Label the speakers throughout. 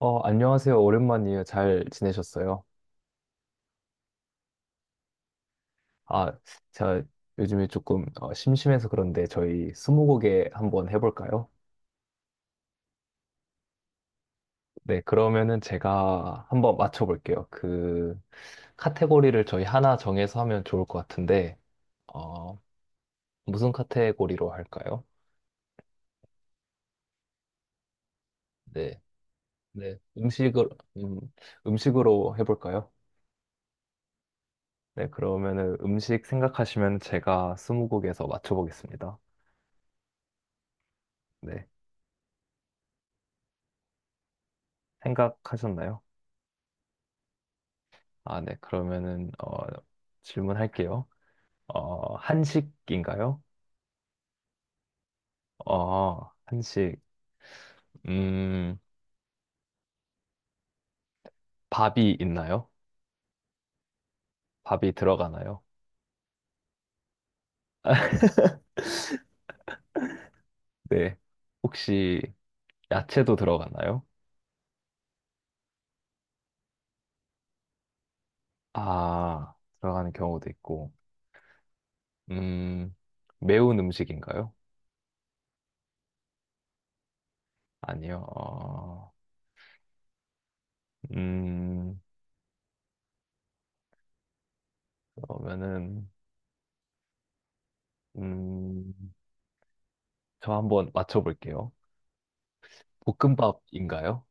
Speaker 1: 안녕하세요. 오랜만이에요. 잘 지내셨어요? 아, 제가 요즘에 조금 심심해서 그런데 저희 스무고개 한번 해볼까요? 네, 그러면은 제가 한번 맞춰볼게요. 그 카테고리를 저희 하나 정해서 하면 좋을 것 같은데, 어, 무슨 카테고리로 할까요? 네, 네, 음식으로, 음, 음식으로 해볼까요? 네, 그러면은 음식 생각하시면 제가 스무고개에서 맞춰보겠습니다. 네, 생각하셨나요? 아, 네. 그러면은 질문할게요. 한식인가요? 어, 한식. 음, 밥이 있나요? 밥이 들어가나요? 네. 혹시 야채도 들어가나요? 아, 들어가는 경우도 있고. 음, 매운 음식인가요? 아니요. 어, 음, 그러면은 음, 저 한번 맞춰볼게요. 볶음밥인가요?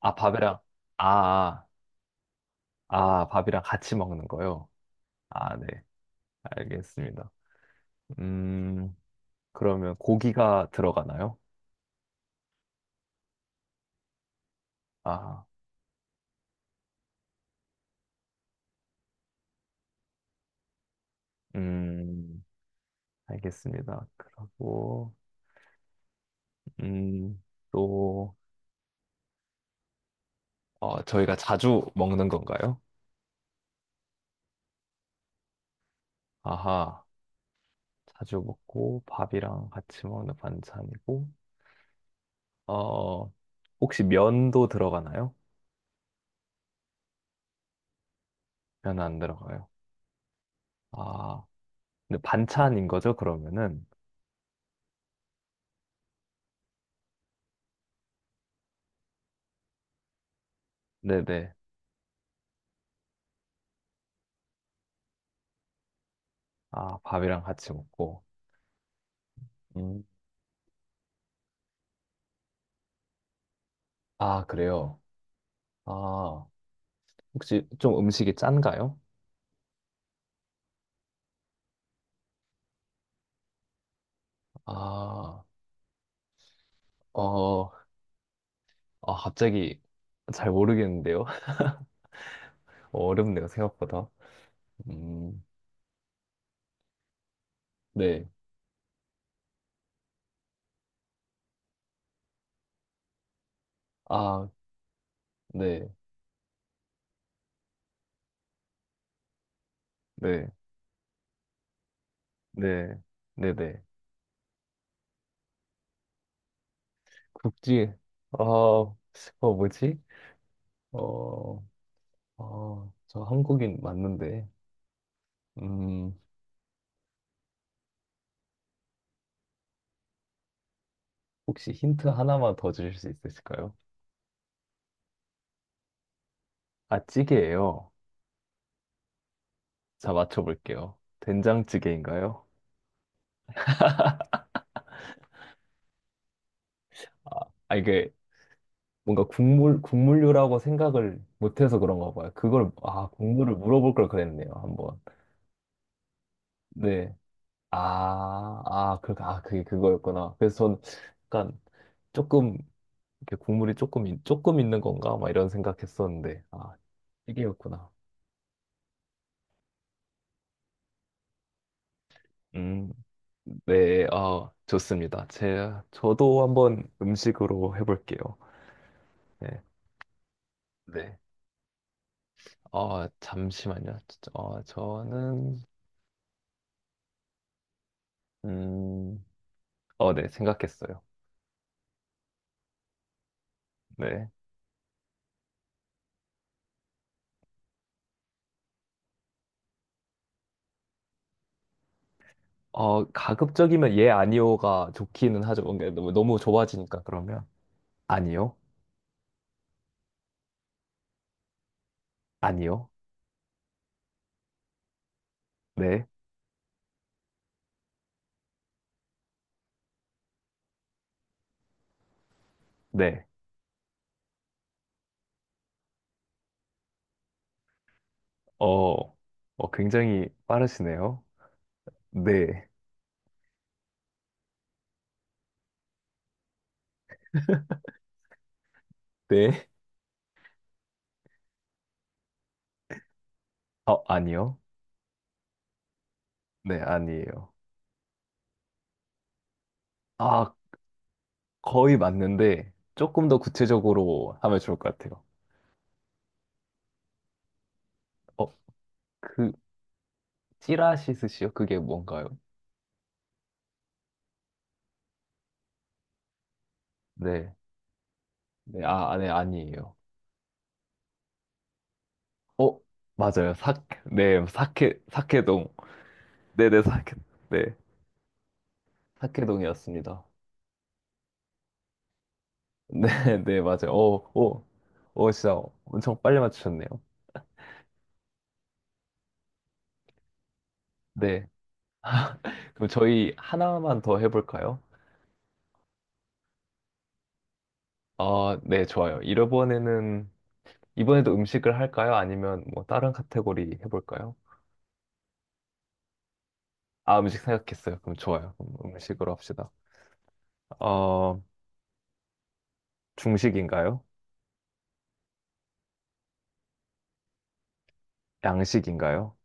Speaker 1: 아, 밥이랑 아, 아. 아, 밥이랑 같이 먹는 거요? 아, 네. 알겠습니다. 음, 그러면 고기가 들어가나요? 아, 음, 알겠습니다. 그리고, 음, 또, 저희가 자주 먹는 건가요? 아하, 자주 먹고 밥이랑 같이 먹는 반찬이고, 어, 혹시 면도 들어가나요? 면 안 들어가요. 아, 근데 반찬인 거죠, 그러면은? 네네. 아, 밥이랑 같이 먹고. 음. 아, 그래요? 아, 혹시 좀 음식이 짠가요? 아, 어, 아, 갑자기 잘 모르겠는데요? 어렵네요, 생각보다. 음, 네. 아, 네, 네, 네, 네, 네. 국지, 아, 어, 뭐지? 어, 어, 저 한국인 맞는데, 음, 혹시 힌트 하나만 더 주실 수 있으실까요? 아, 찌개예요. 자, 맞춰볼게요. 된장찌개인가요? 아, 아, 이게 뭔가 국물, 국물류라고 생각을 못해서 그런가 봐요. 그걸, 아, 국물을 물어볼 걸 그랬네요, 한번. 네. 아, 아, 그, 아, 그게 그거였구나. 그래서 전 약간 조금, 이렇게 국물이 조금, 조금 있는 건가? 막 이런 생각했었는데, 아, 찌개였구나. 음, 네, 아, 좋습니다. 제, 저도 한번 음식으로 해볼게요. 네. 네. 잠시만요. 어, 저는, 음, 어, 네, 생각했어요. 네. 어, 가급적이면 예, 아니요가 좋기는 하죠. 뭔가 너무, 너무 좁아지니까 그러면. 아니요, 아니요, 네, 네. 어, 굉장히 빠르시네요. 네, 네. 어, 아니요, 네, 아니에요. 아, 거의 맞는데 조금 더 구체적으로 하면 좋을 것 같아요. 어, 그, 찌라시 스시요? 그게 뭔가요? 네, 네, 아, 아, 네, 아니에요. 어, 맞아요. 사, 네, 사케, 사케동. 네네, 사케, 네, 사케동이었습니다. 네, 네, 맞아요. 오오오 진짜 엄청 빨리 맞추셨네요. 네. 그럼 저희 하나만 더 해볼까요? 아, 네, 좋아요. 이번에는, 이번에도 음식을 할까요? 아니면 뭐 다른 카테고리 해볼까요? 아, 음식 생각했어요. 그럼 좋아요. 그럼 음식으로 합시다. 어, 중식인가요? 양식인가요?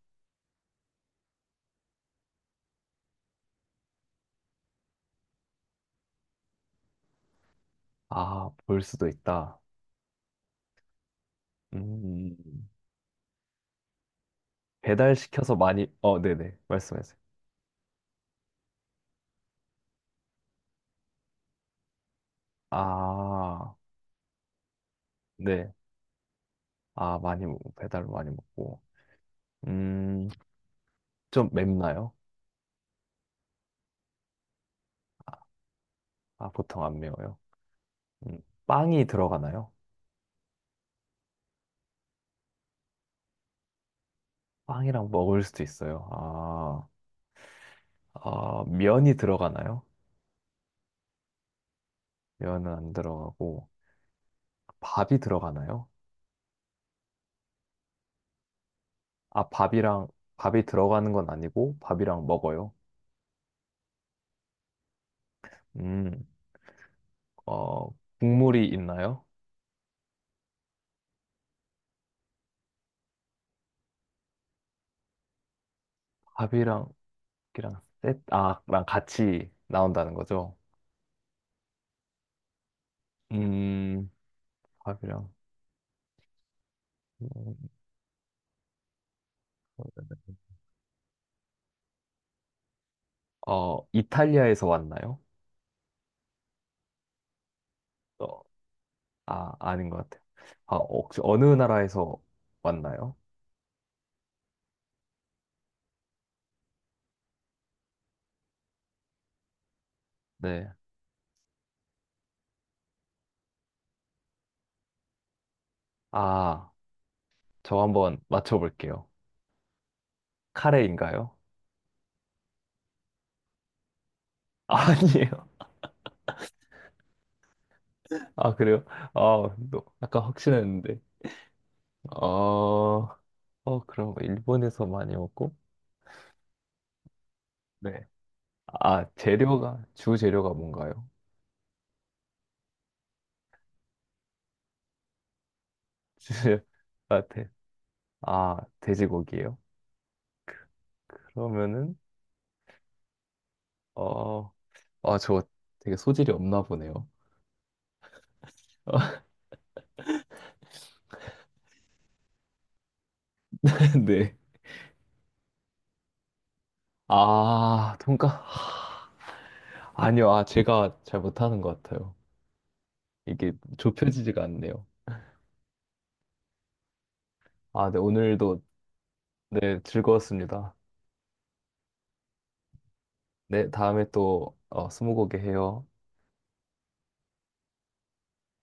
Speaker 1: 아, 볼 수도 있다. 음, 배달시켜서 많이, 어, 네네. 말씀하세요. 아, 네. 아, 많이, 배달 많이 먹고. 음, 좀 맵나요? 아, 아, 보통 안 매워요. 음, 빵이 들어가나요? 빵이랑 먹을 수도 있어요. 아, 아, 면이 들어가나요? 면은 안 들어가고, 밥이 들어가나요? 아, 밥이랑, 밥이 들어가는 건 아니고, 밥이랑 먹어요. 음, 어, 국물이 있나요? 밥이랑, 이랑 셋, 아, 랑 같이 나온다는 거죠. 음, 밥이랑, 음, 이탈리아에서 왔나요? 어, 아, 아닌 것 같아요. 아, 혹시 어느 나라에서 왔나요? 네. 아, 저 한번 맞춰볼게요. 카레인가요? 아니에요. 아, 그래요? 아, 너, 약간 확신했는데. 어, 그럼 일본에서 많이 먹고? 네. 아, 재료가, 주 재료가 뭔가요? 주 재료, 아, 돼, 아, 돼지고기예요? 그러면은, 어, 아, 저 되게 소질이 없나 보네요. 네. 아, 돈까? 아니요, 아, 제가 잘 못하는 것 같아요. 이게 좁혀지지가 않네요. 아, 네, 오늘도 네, 즐거웠습니다. 네, 다음에 또 스무고개 해요.